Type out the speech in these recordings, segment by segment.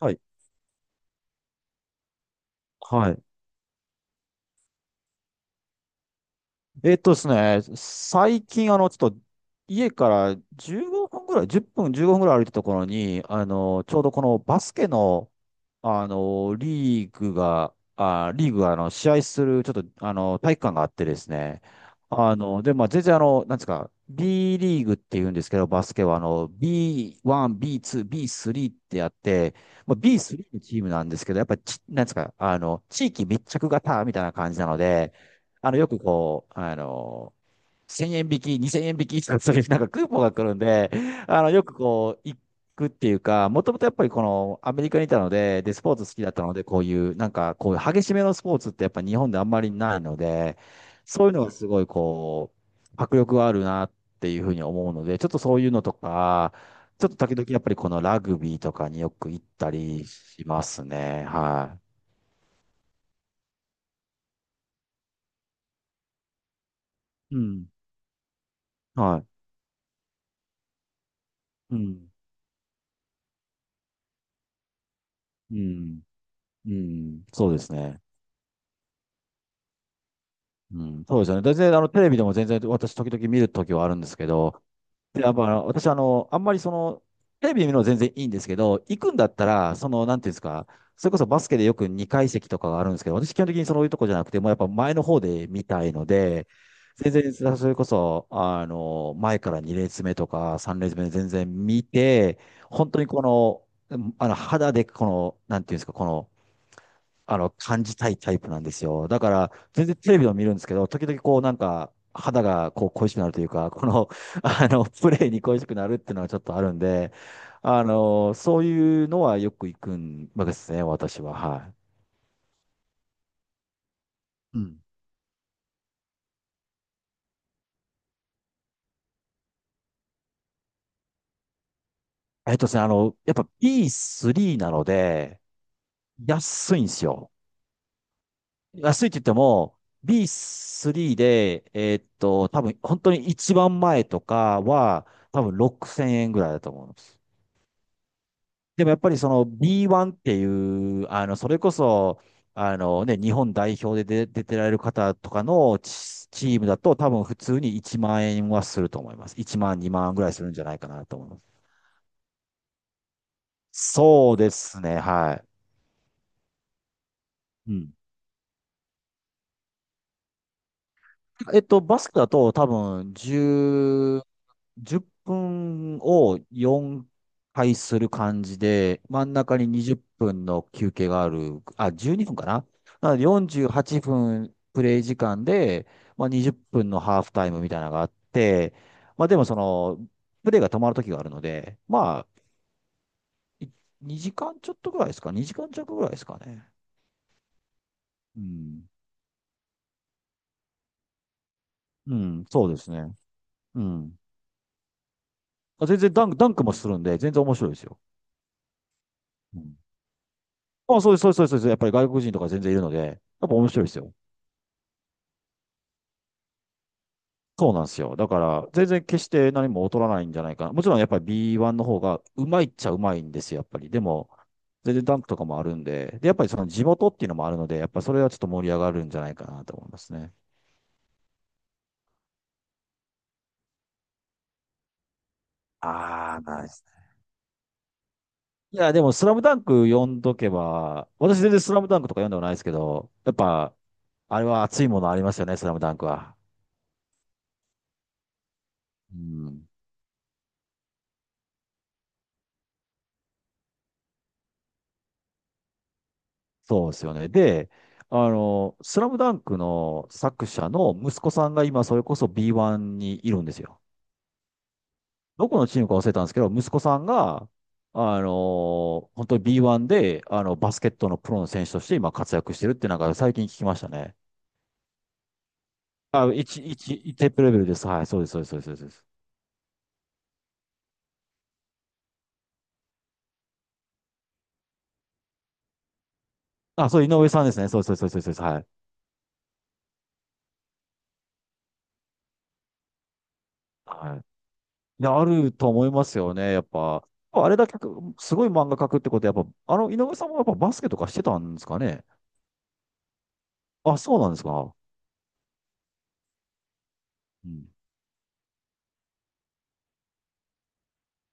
はい。はい。ですね、最近、ちょっと、家から15分ぐらい、10分、15分ぐらい歩いたところに、ちょうどこのバスケの、リーグが、試合する、ちょっと、体育館があってですね。で、まあ、全然、なんですか、B リーグって言うんですけど、バスケは、B1、B2、B3 ってやって、まあ、B3 のチームなんですけど、やっぱりなんですか、地域密着型みたいな感じなので、よくこう、1000円引き、2000円引きとか、そういうなんかクーポンが来るんで、よくこう、行くっていうか、もともとやっぱりこのアメリカにいたので、で、スポーツ好きだったので、こういう、なんかこういう激しめのスポーツってやっぱ日本であんまりないので、そういうのがすごいこう、迫力があるなっていうふうに思うので、ちょっとそういうのとか、ちょっと時々やっぱりこのラグビーとかによく行ったりしますね。はい。うん。はい。うん。うん。うん。そうですね。うん、そうですよね。全然、テレビでも全然、私、時々見るときはあるんですけど、で、やっぱ、私、あんまりその、テレビで見るのは全然いいんですけど、行くんだったら、その、なんていうんですか、それこそバスケでよく2階席とかがあるんですけど、私、基本的にそういうとこじゃなくて、もうやっぱ前の方で見たいので、全然、それこそ、前から2列目とか3列目で全然見て、本当にこの、肌でこの、なんていうんですか、この、感じたいタイプなんですよ。だから、全然テレビを見るんですけど、時々こう、なんか、肌がこう恋しくなるというか、この、プレーに恋しくなるっていうのはちょっとあるんで、そういうのはよく行くんわけですね、私は。はい。うん。ですね、やっぱ B3 なので、安いんですよ。安いって言っても、B3 で、多分、本当に一番前とかは、多分6000円ぐらいだと思う。でもやっぱりその B1 っていう、それこそ、あのね、日本代表で出てられる方とかのチームだと多分普通に1万円はすると思います。1万、2万ぐらいするんじゃないかなと思います。そうですね、はい。うん。えっと、バスケだと多分10分を4回する感じで、真ん中に20分の休憩がある。あ、12分かな。なので48分プレイ時間で、まあ、20分のハーフタイムみたいなのがあって、まあでもその、プレイが止まる時があるので、まあ、2時間ちょっとぐらいですか？ 2 時間弱ぐらいですかね。うん。うん、そうですね。うん。あ、全然ダンクもするんで、全然面白いですよ。うん。あ、そうです、そうです、そうです。そうです。やっぱり外国人とか全然いるので、やっぱ面白いですよ。そうなんですよ。だから、全然決して何も劣らないんじゃないかな。もちろんやっぱり B1 の方がうまいっちゃうまいんですよ、やっぱり。でも、全然ダンクとかもあるんで、で、やっぱりその地元っていうのもあるので、やっぱそれはちょっと盛り上がるんじゃないかなと思いますね。ああ、ナイス。いや、でも、スラムダンク読んどけば、私全然スラムダンクとか読んでもないですけど、やっぱ、あれは熱いものありますよね、スラムダンクは。うん。そうですよね。で、スラムダンクの作者の息子さんが今、それこそ B1 にいるんですよ。どこのチームか忘れたんですけど、息子さんが、本当に B1 で、バスケットのプロの選手として今活躍してるってなんか最近聞きましたね。あ、一テープレベルです。はい、そうです、そうです、そうです。そうです。あ、そう、井上さんですね。そうです、そうです、そうです。そうです。はい。はい。で、あると思いますよね。やっぱ、あれだけ、すごい漫画描くってことは、やっぱ、井上さんもやっぱバスケとかしてたんですかね。あ、そうなんですか。うん。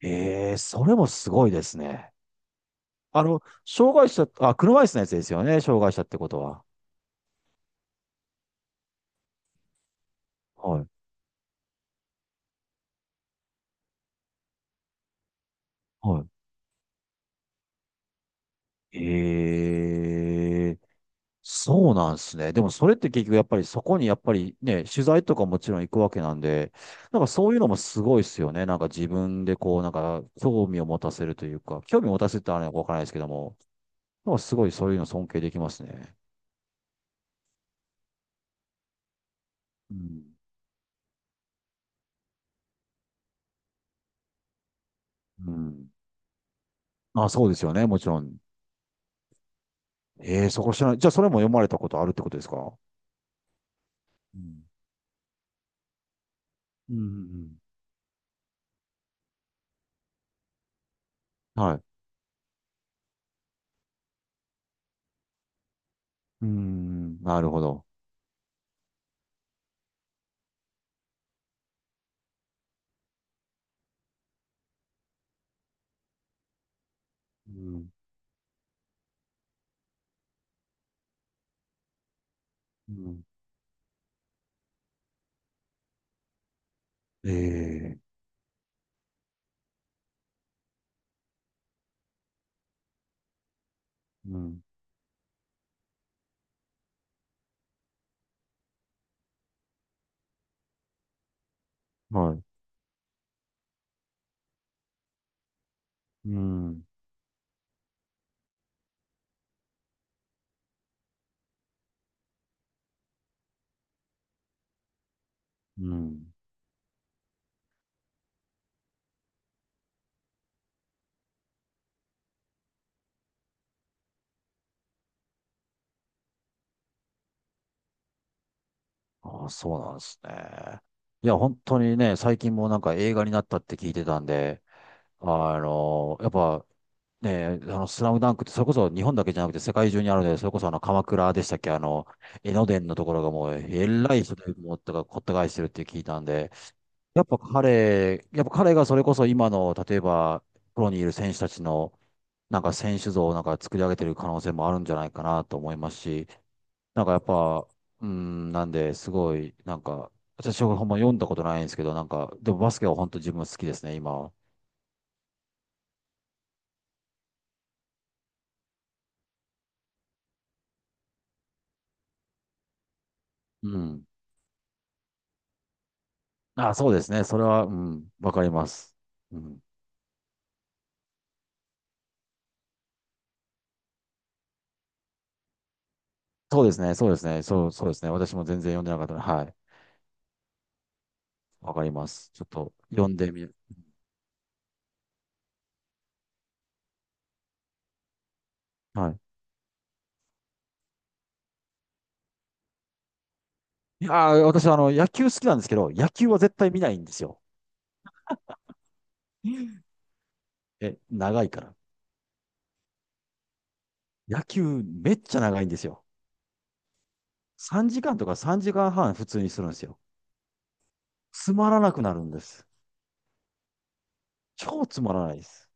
ええ、それもすごいですね。障害者、あ、車椅子のやつですよね。障害者ってことは。はい。はい。ええ、そうなんですね。でもそれって結局やっぱりそこにやっぱりね、取材とかもちろん行くわけなんで、なんかそういうのもすごいですよね。なんか自分でこう、なんか興味を持たせるというか、興味を持たせるってあれはわからないですけども、なんかすごいそういうの尊敬できますね。うん。うん。あ、そうですよね。もちろん。ええ、そこ知らない。じゃあ、それも読まれたことあるってことですか？うん。うん。はい。うーん、なるほど。うん。うん。ええ、うん。はい。うん。うん。ああ、そうなんですね。いや、本当にね、最近もなんか映画になったって聞いてたんで、あやっぱ、ね、スラムダンクって、それこそ日本だけじゃなくて世界中にあるので、それこそ鎌倉でしたっけ、江ノ電のところがもう、えらい人でもう、こった返してるって聞いたんで、やっぱ彼がそれこそ今の、例えば、プロにいる選手たちの、なんか選手像をなんか作り上げてる可能性もあるんじゃないかなと思いますし、なんかやっぱ、うん、なんで、すごい、なんか、私はほんま読んだことないんですけど、なんか、でもバスケは本当自分好きですね、今は。うん。あ、そうですね。それは、うん、わかります。うん。そうですね、そうですね、そう、そうですね。私も全然読んでなかったので、はい。わかります。ちょっと、読んでみる。はい。いやー、私は野球好きなんですけど、野球は絶対見ないんですよ。うん。え、長いから。野球めっちゃ長いんですよ。3時間とか3時間半普通にするんですよ。つまらなくなるんです。超つまらないです。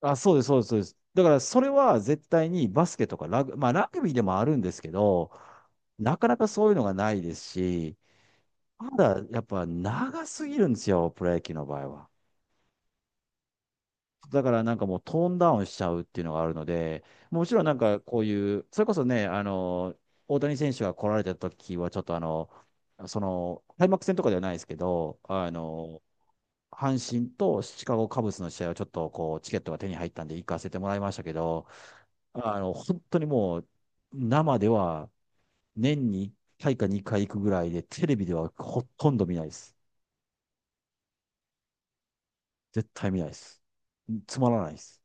あ、そうです、そうです、そうです。だからそれは絶対にバスケとかまあラグビーでもあるんですけど、なかなかそういうのがないですし、まだやっぱ長すぎるんですよ、プロ野球の場合は。だからなんかもうトーンダウンしちゃうっていうのがあるので、もちろんなんかこういう、それこそね、大谷選手が来られた時はちょっとその、開幕戦とかではないですけど、阪神とシカゴカブスの試合はちょっとこう、チケットが手に入ったんで行かせてもらいましたけど、本当にもう、生では年に1回か2回行くぐらいで、テレビではほとんど見ないです。絶対見ないです。つまらないです。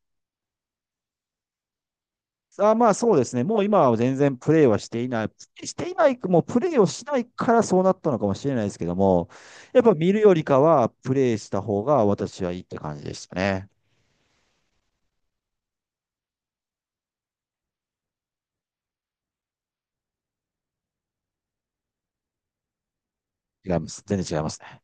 あ、まあそうですね。もう今は全然プレーはしていない。していない、もうプレーをしないからそうなったのかもしれないですけども、やっぱ見るよりかはプレーした方が私はいいって感じでしたね。違います。全然違いますね。